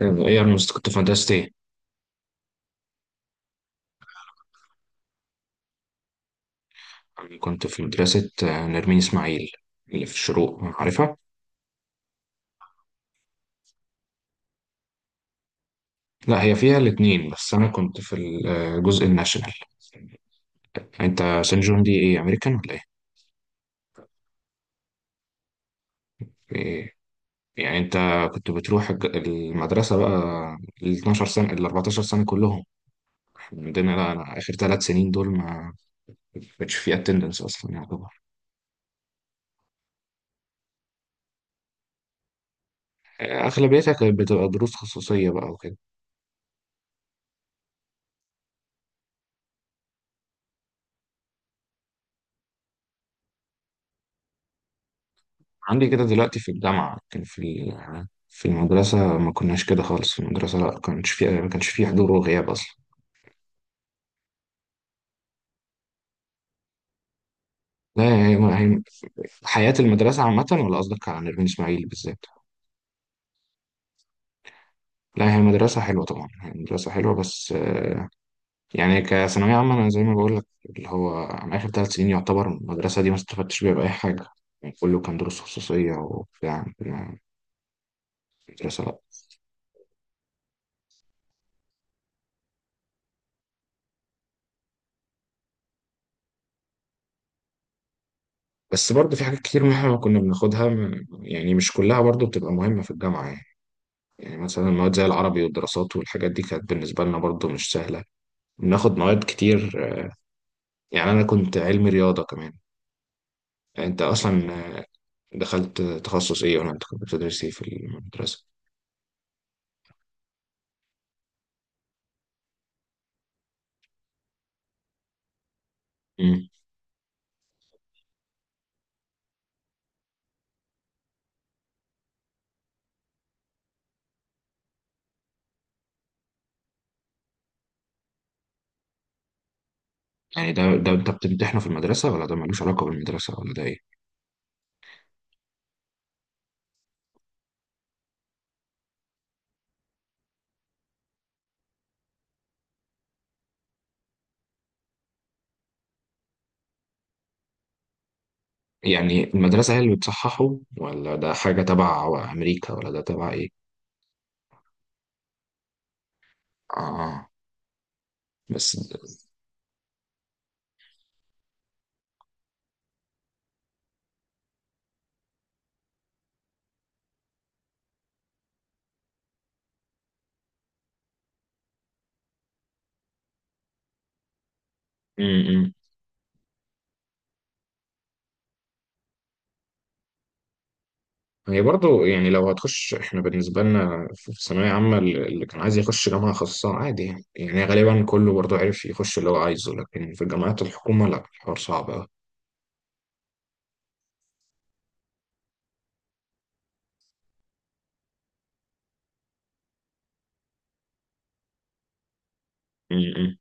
طيب، ايه كنت في مدرسة ايه. أنا كنت في مدرسة نرمين اسماعيل اللي في الشروق عارفها. لا هي فيها الاتنين بس انا كنت في الجزء الناشونال. انت سان جون دي ايه امريكان ولا ايه؟ إيه؟ يعني انت كنت بتروح المدرسة بقى ال 12 سنة ال 14 سنة كلهم. إحنا عندنا لا، انا اخر ثلاث سنين دول ما كانش فيه اتندنس اصلا يعتبر. اغلبيتها كانت بتبقى دروس خصوصية بقى وكده. عندي كده دلوقتي في الجامعة كان في في المدرسة ما كناش كده خالص، في المدرسة لا كانش في، ما كانش في حضور وغياب أصلا. لا حياة المدرسة عامة ولا قصدك على نرمين إسماعيل بالذات؟ لا هي مدرسة حلوة، طبعا هي مدرسة حلوة، بس يعني كثانوية عامة أنا زي ما بقول لك، اللي هو أنا آخر ثلاث سنين يعتبر المدرسة دي ما استفدتش بيها بأي حاجة. يعني كله كان دروس خصوصية وبتاع، مدرسة لا. بس برضه في حاجات كتير مهمة كنا بناخدها، يعني مش كلها برضه بتبقى مهمة في الجامعة يعني. يعني مثلا مواد زي العربي والدراسات والحاجات دي كانت بالنسبة لنا برضو مش سهلة. بناخد مواد كتير يعني، أنا كنت علمي رياضة كمان. يعني أنت أصلا دخلت تخصص إيه، ولا أنت كنت بتدرس إيه في المدرسة؟ مم. يعني ده أنت بتمتحنه في المدرسة، ولا ده ملوش علاقة بالمدرسة، ولا ده إيه؟ يعني المدرسة هي اللي بتصححه، ولا ده حاجة تبع أمريكا، ولا ده تبع إيه؟ آه. بس. مم. هي برضو يعني لو هتخش، احنا بالنسبة لنا في ثانوية عامة، اللي كان عايز يخش جامعة خاصة عادي يعني، يعني غالبا كله برضو عرف يخش اللي هو عايزه، لكن في جامعات الحكومة لا، الحوار صعب أوي. م-م.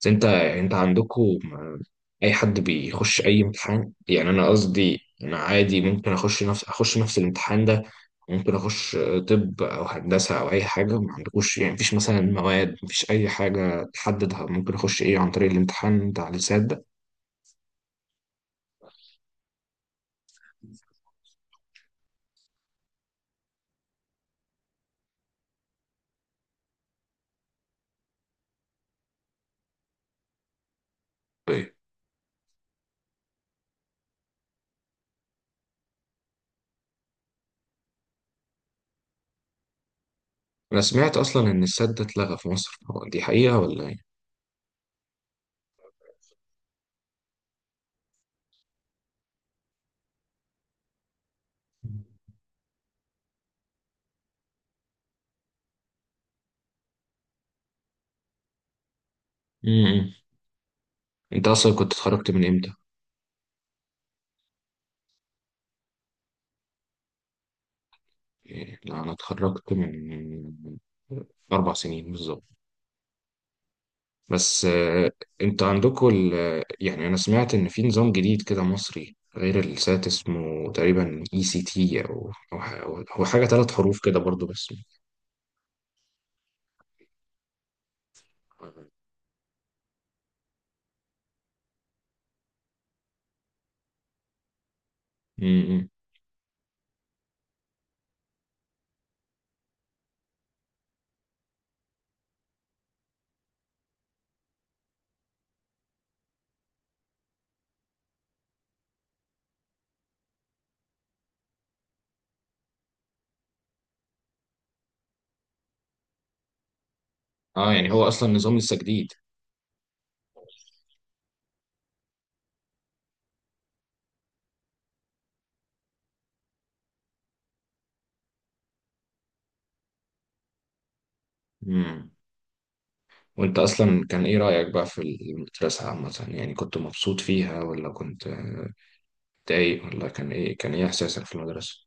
بس انت عندكم أي حد بيخش أي امتحان. يعني أنا قصدي أنا عادي ممكن أخش نفس الامتحان ده، ممكن أخش طب أو هندسة أو أي حاجة، ما عندكوش يعني مفيش مثلا مواد، مفيش أي حاجة تحددها، ممكن أخش إيه عن طريق الامتحان بتاع اللسات ده. أنا سمعت أصلا إن السد ده اتلغى في مصر، هو دي حقيقة ولا إيه؟ امم أنت أصلا كنت اتخرجت من إمتى؟ إيه، لا أنا اتخرجت من أربع سنين بالظبط. بس أنت عندكم يعني أنا سمعت إن في نظام جديد كده مصري غير السات، اسمه تقريبا اي سي تي، هو حاجة ثلاث حروف كده برضو بس. امم. اه يعني هو اصلا نظام لسه جديد. امم. وانت اصلا كان ايه رأيك بقى في المدرسة عامة، يعني كنت مبسوط فيها ولا كنت متضايق، ولا كان ايه احساسك في المدرسة؟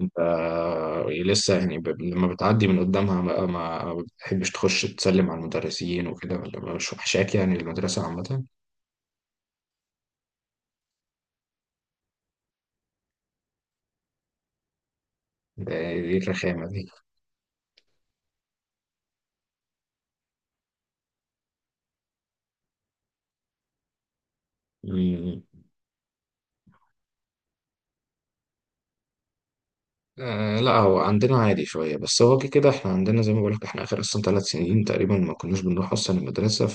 انت لسه يعني لما بتعدي من قدامها بقى ما بتحبش تخش تسلم على المدرسين وكده، ولا مش وحشاك يعني المدرسة عامة؟ ده ايه الرخامة دي؟ مم. آه لا هو عندنا عادي شوية، بس هو كده كده احنا عندنا زي ما بقولك، احنا آخر أصلا ثلاث سنين تقريبا ما كناش بنروح أصلا المدرسة.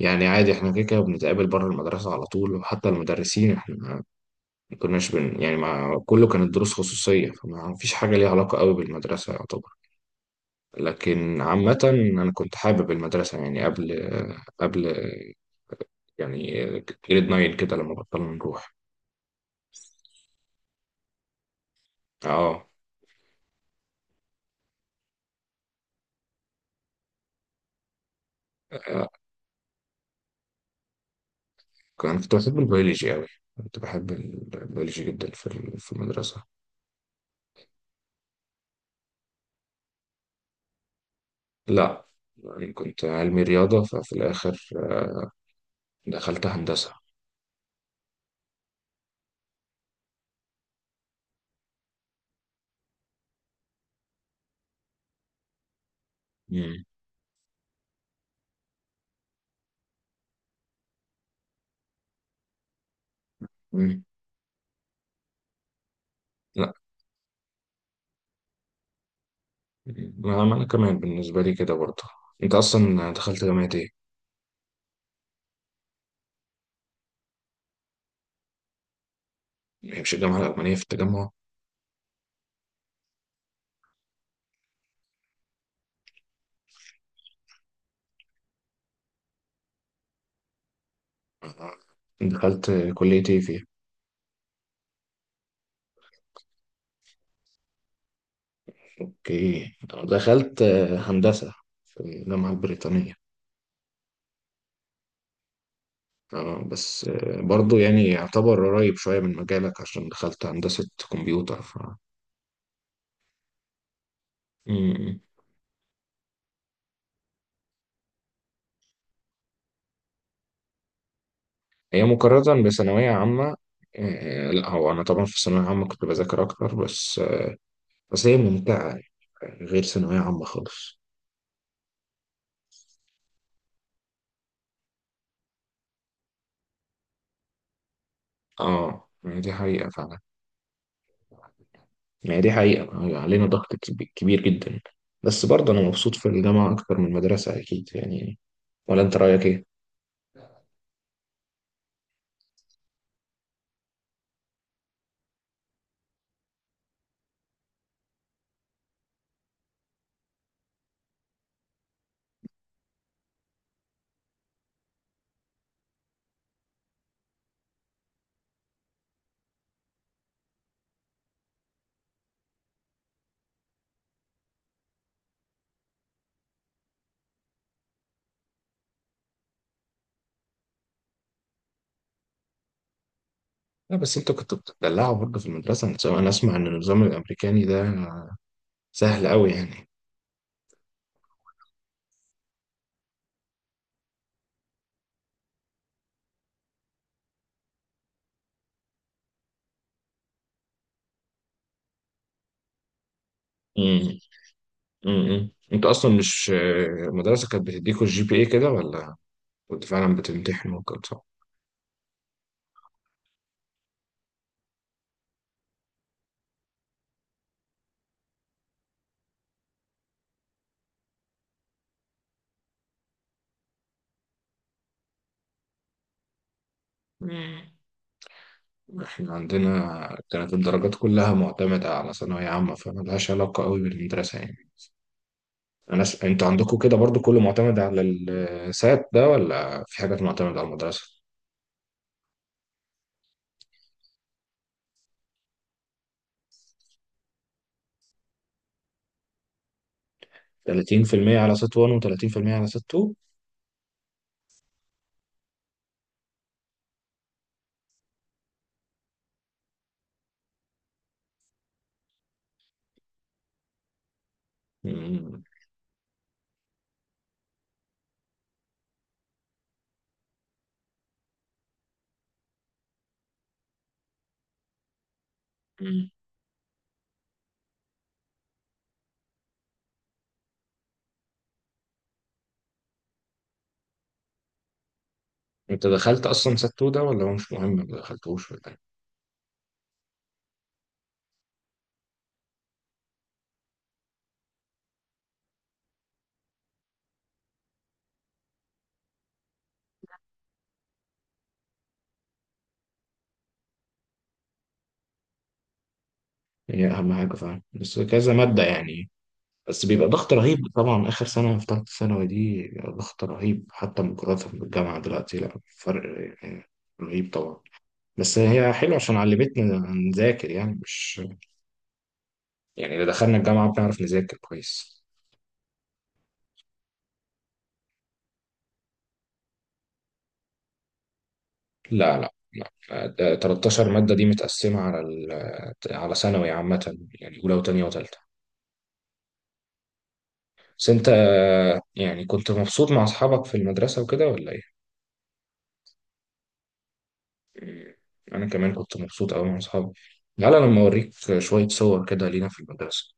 يعني عادي احنا كده كده بنتقابل بره المدرسة على طول، وحتى المدرسين احنا ما كناش بن يعني ما، كله كانت دروس خصوصية، فما فيش حاجة ليها علاقة قوي بالمدرسة يعتبر. لكن عامة أنا كنت حابب المدرسة يعني قبل يعني جريد 9 كده، لما بطلنا نروح. اه. كان كنت بحب البيولوجي قوي. كنت بحب البيولوجي جدا في في المدرسة. لا يعني كنت علمي رياضة، ففي الآخر دخلت هندسة. مم. مم. ما ما انا كمان بالنسبه لي كده برضه. انت اصلا دخلت جامعه ايه؟ هي مش الجامعه الاولانيه في التجمع؟ دخلت كليه ايه فيها؟ اوكي. دخلت هندسه في الجامعه البريطانيه. آه، بس آه، برضه يعني يعتبر قريب شويه من مجالك عشان دخلت هندسه كمبيوتر، ف. مم. هي مقارنه بثانويه عامه، لا هو انا طبعا في الثانويه العامه كنت بذاكر اكتر، بس هي ممتعه يعني، غير ثانويه عامه خالص. اه يعني دي حقيقه فعلا. يعني دي حقيقة علينا ضغط كبير جدا. بس برضه أنا مبسوط في الجامعة أكتر من المدرسة أكيد يعني. ولا أنت رأيك إيه؟ لا بس أنت كنت بتدلعه برضه في المدرسة. أنا أسمع إن النظام الأمريكاني ده سهل أوي يعني. امم. امم. أنت أصلا مش المدرسة كانت بتديكوا الجي بي إيه كده، ولا كنت فعلا بتمتحنوا وكده صح؟ مم. إحنا عندنا كانت الدرجات كلها معتمدة على ثانوية عامة، فملهاش علاقة أوي بالمدرسة يعني. انا انتوا عندكم كده برضو كله معتمد على السات ده، ولا في حاجات معتمدة على المدرسة؟ 30% على سات 1 و30% على سات 2. مم. مم. انت دخلت اصلا سات 2 ده، ولا هو مش مهم ما دخلتوش ولا ايه؟ هي اهم حاجة فعلا بس كذا مادة يعني. بس بيبقى ضغط رهيب طبعا، اخر سنة في ثالثة ثانوي دي بيبقى ضغط رهيب حتى مقارنة بالجامعة دلوقتي لا فرق يعني. رهيب طبعا. بس هي حلوة عشان علمتنا نذاكر يعني، مش يعني، إذا دخلنا الجامعة بنعرف نذاكر كويس. لا لا لا، ده 13 مادة دي متقسمة على على ثانوي عامة يعني أولى وتانية وتالتة. بس أنت يعني كنت مبسوط مع أصحابك في المدرسة وكده ولا إيه؟ أنا كمان كنت مبسوط أوي مع أصحابي. تعالى لما أوريك شوية صور كده لينا في المدرسة.